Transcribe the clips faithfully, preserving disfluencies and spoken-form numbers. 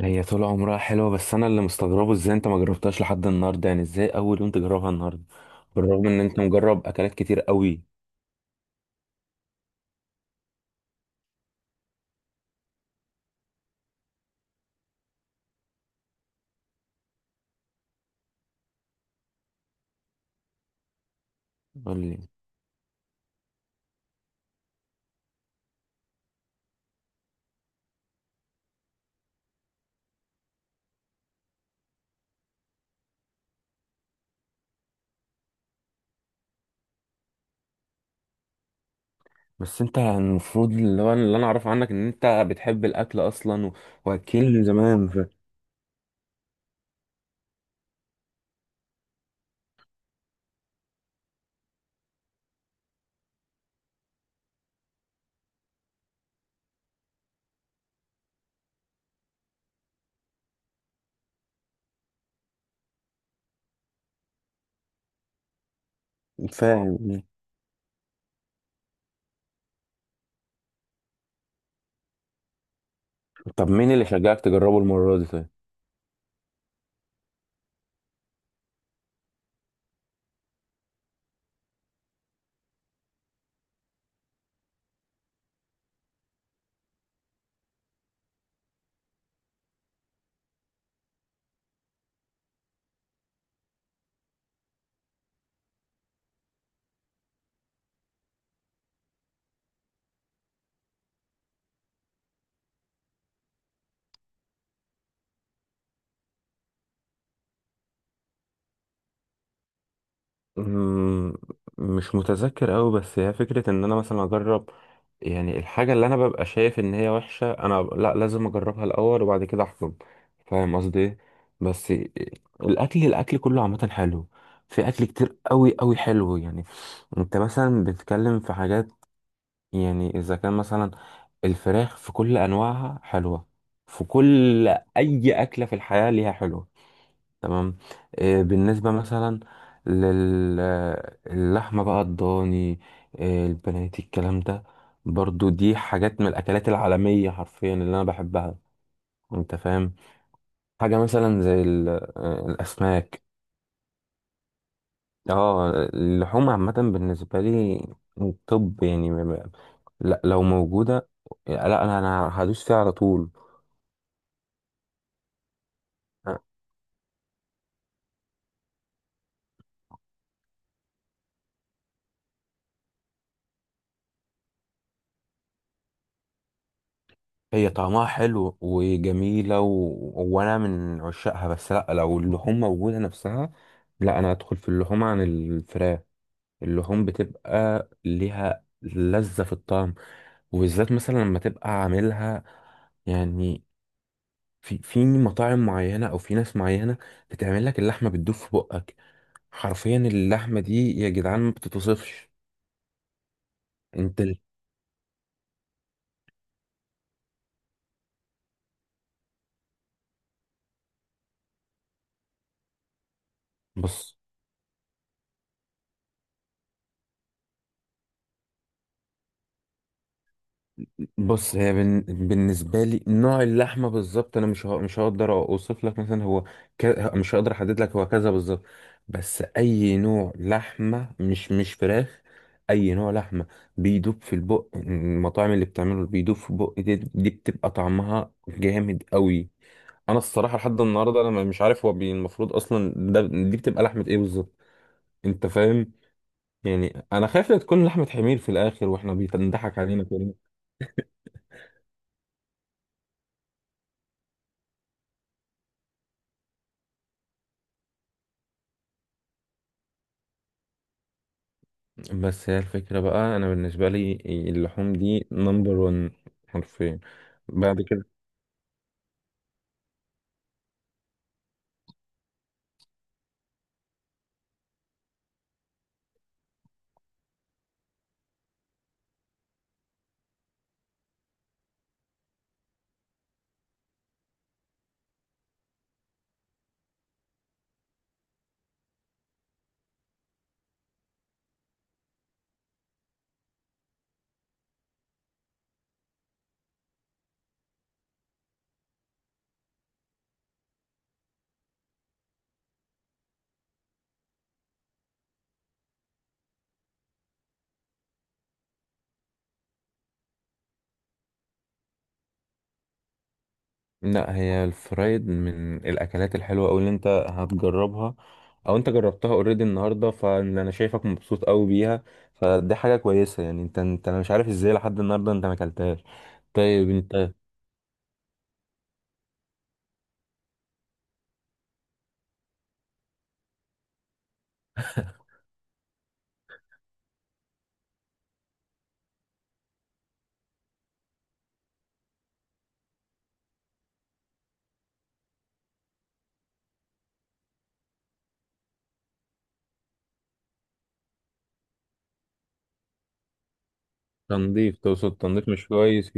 هي طول عمرها حلوة، بس أنا اللي مستغربه إزاي أنت ما جربتهاش لحد النهاردة. يعني إزاي أول يوم تجربها النهاردة بالرغم إن أنت مجرب أكلات كتير قوي. قول لي. بس أنت المفروض، اللي هو اللي أنا أعرفه عنك، إن أنت بتحب الأكل أصلا و... وأكل من زمان ف... فاهم. طب مين اللي شجعك تجربه المرة دي طيب؟ مم، مش متذكر أوي، بس هي فكرة ان انا مثلا اجرب، يعني الحاجة اللي انا ببقى شايف ان هي وحشة انا ب- لا، لازم اجربها الاول وبعد كده احكم. فاهم قصدي ايه؟ بس إيه، الاكل الاكل كله عامة حلو. في اكل كتير أوي أوي حلو يعني. انت مثلا بتتكلم في حاجات، يعني اذا كان مثلا الفراخ في كل انواعها حلوة. في كل، اي اكلة في الحياة ليها حلوة. تمام. آه، بالنسبة مثلا للحمة بقى الضاني، آه، البنات الكلام ده، برضو دي حاجات من الأكلات العالمية حرفيا اللي أنا بحبها. أنت فاهم. حاجة مثلا زي ال- آه، الأسماك. اه، اللحوم عامة بالنسبة لي. طب يعني ما- ما- لا، لو موجودة، لا، أنا أنا هدوس فيها على طول. هي طعمها حلو وجميلة و... وأنا من عشاقها، بس لأ، لو اللحوم موجودة نفسها، لأ، أنا أدخل في اللحوم عن الفراخ. اللحوم بتبقى ليها لذة في الطعم، وبالذات مثلا لما تبقى عاملها، يعني في في مطاعم معينة أو في ناس معينة بتعمل لك اللحمة بتدوب في بقك. حرفيا اللحمة دي يا جدعان ما بتتوصفش. أنت بص. بص، هي بن... بالنسبه لي نوع اللحمه بالظبط انا مش ه... مش هقدر اوصف لك مثلا هو، ك... مش هقدر احدد لك هو كذا بالظبط. بس اي نوع لحمه، مش مش فراخ، اي نوع لحمه بيدوب في البق. المطاعم اللي بتعمله بيدوب في البق دي, دي بتبقى طعمها جامد قوي. انا الصراحه لحد النهارده انا مش عارف هو بي... المفروض اصلا ده دي بتبقى لحمه ايه بالظبط. انت فاهم. يعني انا خايف لا تكون لحمه حمير في الاخر واحنا بيضحك علينا كده. بس هي الفكرة بقى، أنا بالنسبة لي اللحوم دي نمبر ون. حرفيا. بعد كده، لا، هي الفرايد من الأكلات الحلوة أوي اللي أنت هتجربها، أو أنت جربتها أوريدي النهاردة، فأنا شايفك مبسوط أوي بيها. فدي حاجة كويسة يعني. أنت أنت أنا مش عارف إزاي لحد النهاردة أنت ما أكلتهاش. طيب أنت، تنظيف، تقصد تنظيف مش كويس.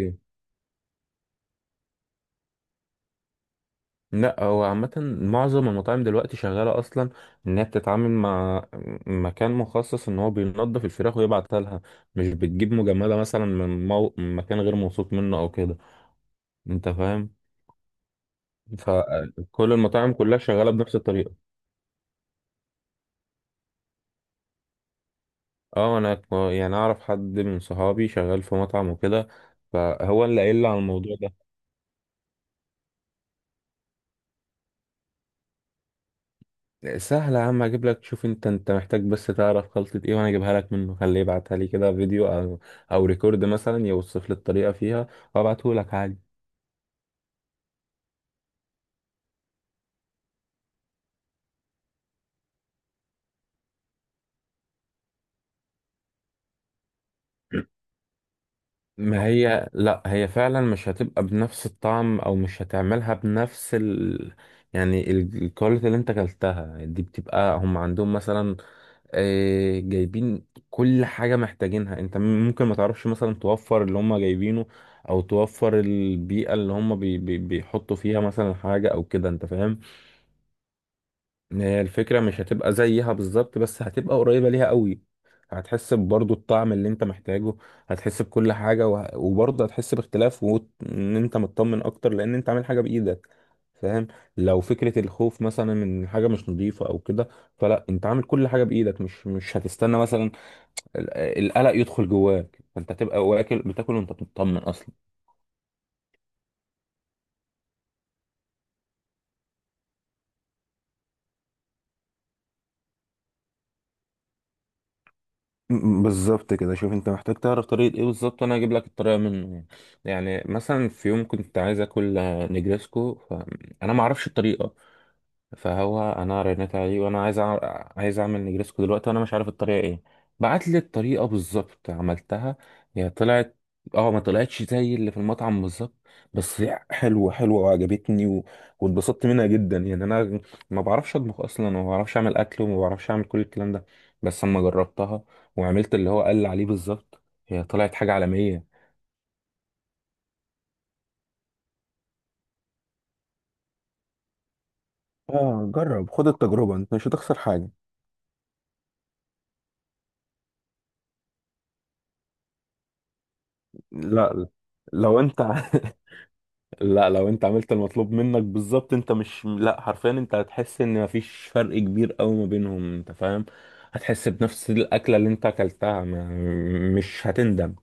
لا، هو عامة معظم المطاعم دلوقتي شغالة أصلا، إن هي بتتعامل مع مكان مخصص إن هو بينضف الفراخ ويبعتها لها. مش بتجيب مجمدة مثلا من مو... من مكان غير موثوق منه أو كده. أنت فاهم. فكل المطاعم كلها شغالة بنفس الطريقة. اه، أنا ك- يعني أعرف حد من صحابي شغال في مطعم وكده، فهو اللي قايل لي على الموضوع ده. سهلة يا عم، اجيب لك. شوف انت انت محتاج بس تعرف خلطة ايه وانا اجيبها لك منه. خليه يبعتها لي كده فيديو او، او ريكورد مثلا، يوصف لي الطريقة فيها وابعته لك عادي. ما هي لا، هي فعلا مش هتبقى بنفس الطعم، او مش هتعملها بنفس ال، يعني ال- الكواليتي اللي انت اكلتها دي بتبقى هم عندهم مثلا. آه، جايبين كل حاجة محتاجينها. انت ممكن ما تعرفش مثلا توفر اللي هم جايبينه، او توفر البيئة اللي هم بي بي بيحطوا فيها مثلا حاجة او كده. انت فاهم. هي الفكرة مش هتبقى زيها بالظبط، بس هتبقى قريبة ليها قوي. هتحس برضو الطعم اللي انت محتاجه. هتحس بكل حاجة وه... وبرضه هتحس باختلاف وان انت مطمن اكتر لان انت عامل حاجة بايدك. فاهم. لو فكرة الخوف مثلا من حاجة مش نظيفة او كده، فلا، انت عامل كل حاجة بايدك. مش مش هتستنى مثلا ال- القلق يدخل جواك. فانت تبقى واكل، بتاكل وانت مطمن اصلا. م- بالظبط كده. شوف انت محتاج تعرف طريقة ايه بالظبط، وانا هجيب لك الطريقة منه يعني. يعني مثلا في يوم كنت عايز اكل، آه، نجريسكو، فانا ما اعرفش الطريقة، فهو انا رنيت عليه وانا عايز أع... عايز اعمل نجريسكو دلوقتي وانا مش عارف الطريقه ايه. بعت لي الطريقه بالظبط، عملتها، هي طلعت، اه، ما طلعتش زي اللي في المطعم بالظبط، بس هي حلوه حلوه وعجبتني و... واتبسطت منها جدا. يعني انا ما بعرفش اطبخ اصلا، وما بعرفش اعمل اكل، وما بعرفش اعمل كل الكلام ده، بس اما جربتها وعملت اللي هو قال عليه بالظبط، هي طلعت حاجه عالميه. اه، جرب، خد التجربه، انت مش هتخسر حاجه. لا لا، لو انت لا، لو انت عملت المطلوب منك بالظبط، انت مش، لا حرفيا انت هتحس ان مفيش فرق كبير قوي ما بينهم. انت فاهم. هتحس بنفس الاكله اللي انت اكلتها. ما... مش هتندم.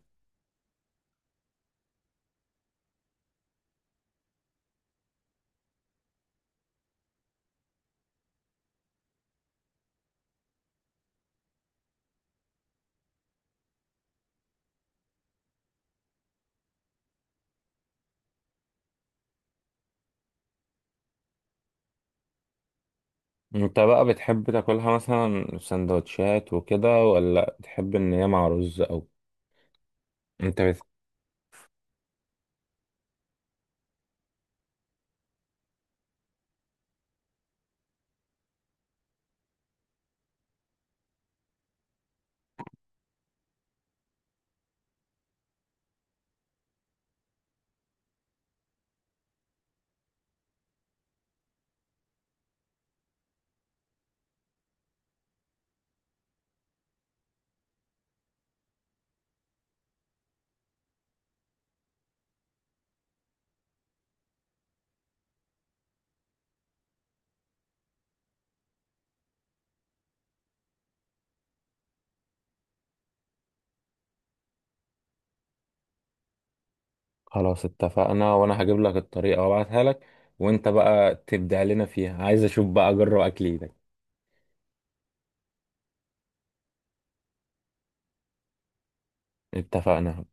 انت بقى بتحب تاكلها مثلا في سندوتشات وكده، ولا بتحب ان هي مع رز او، انت بت... خلاص اتفقنا، وانا هجيب لك الطريقه وابعتها لك، وانت بقى تبدع لنا فيها. عايز اشوف بقى، اجرب اكل ايدك. اتفقنا.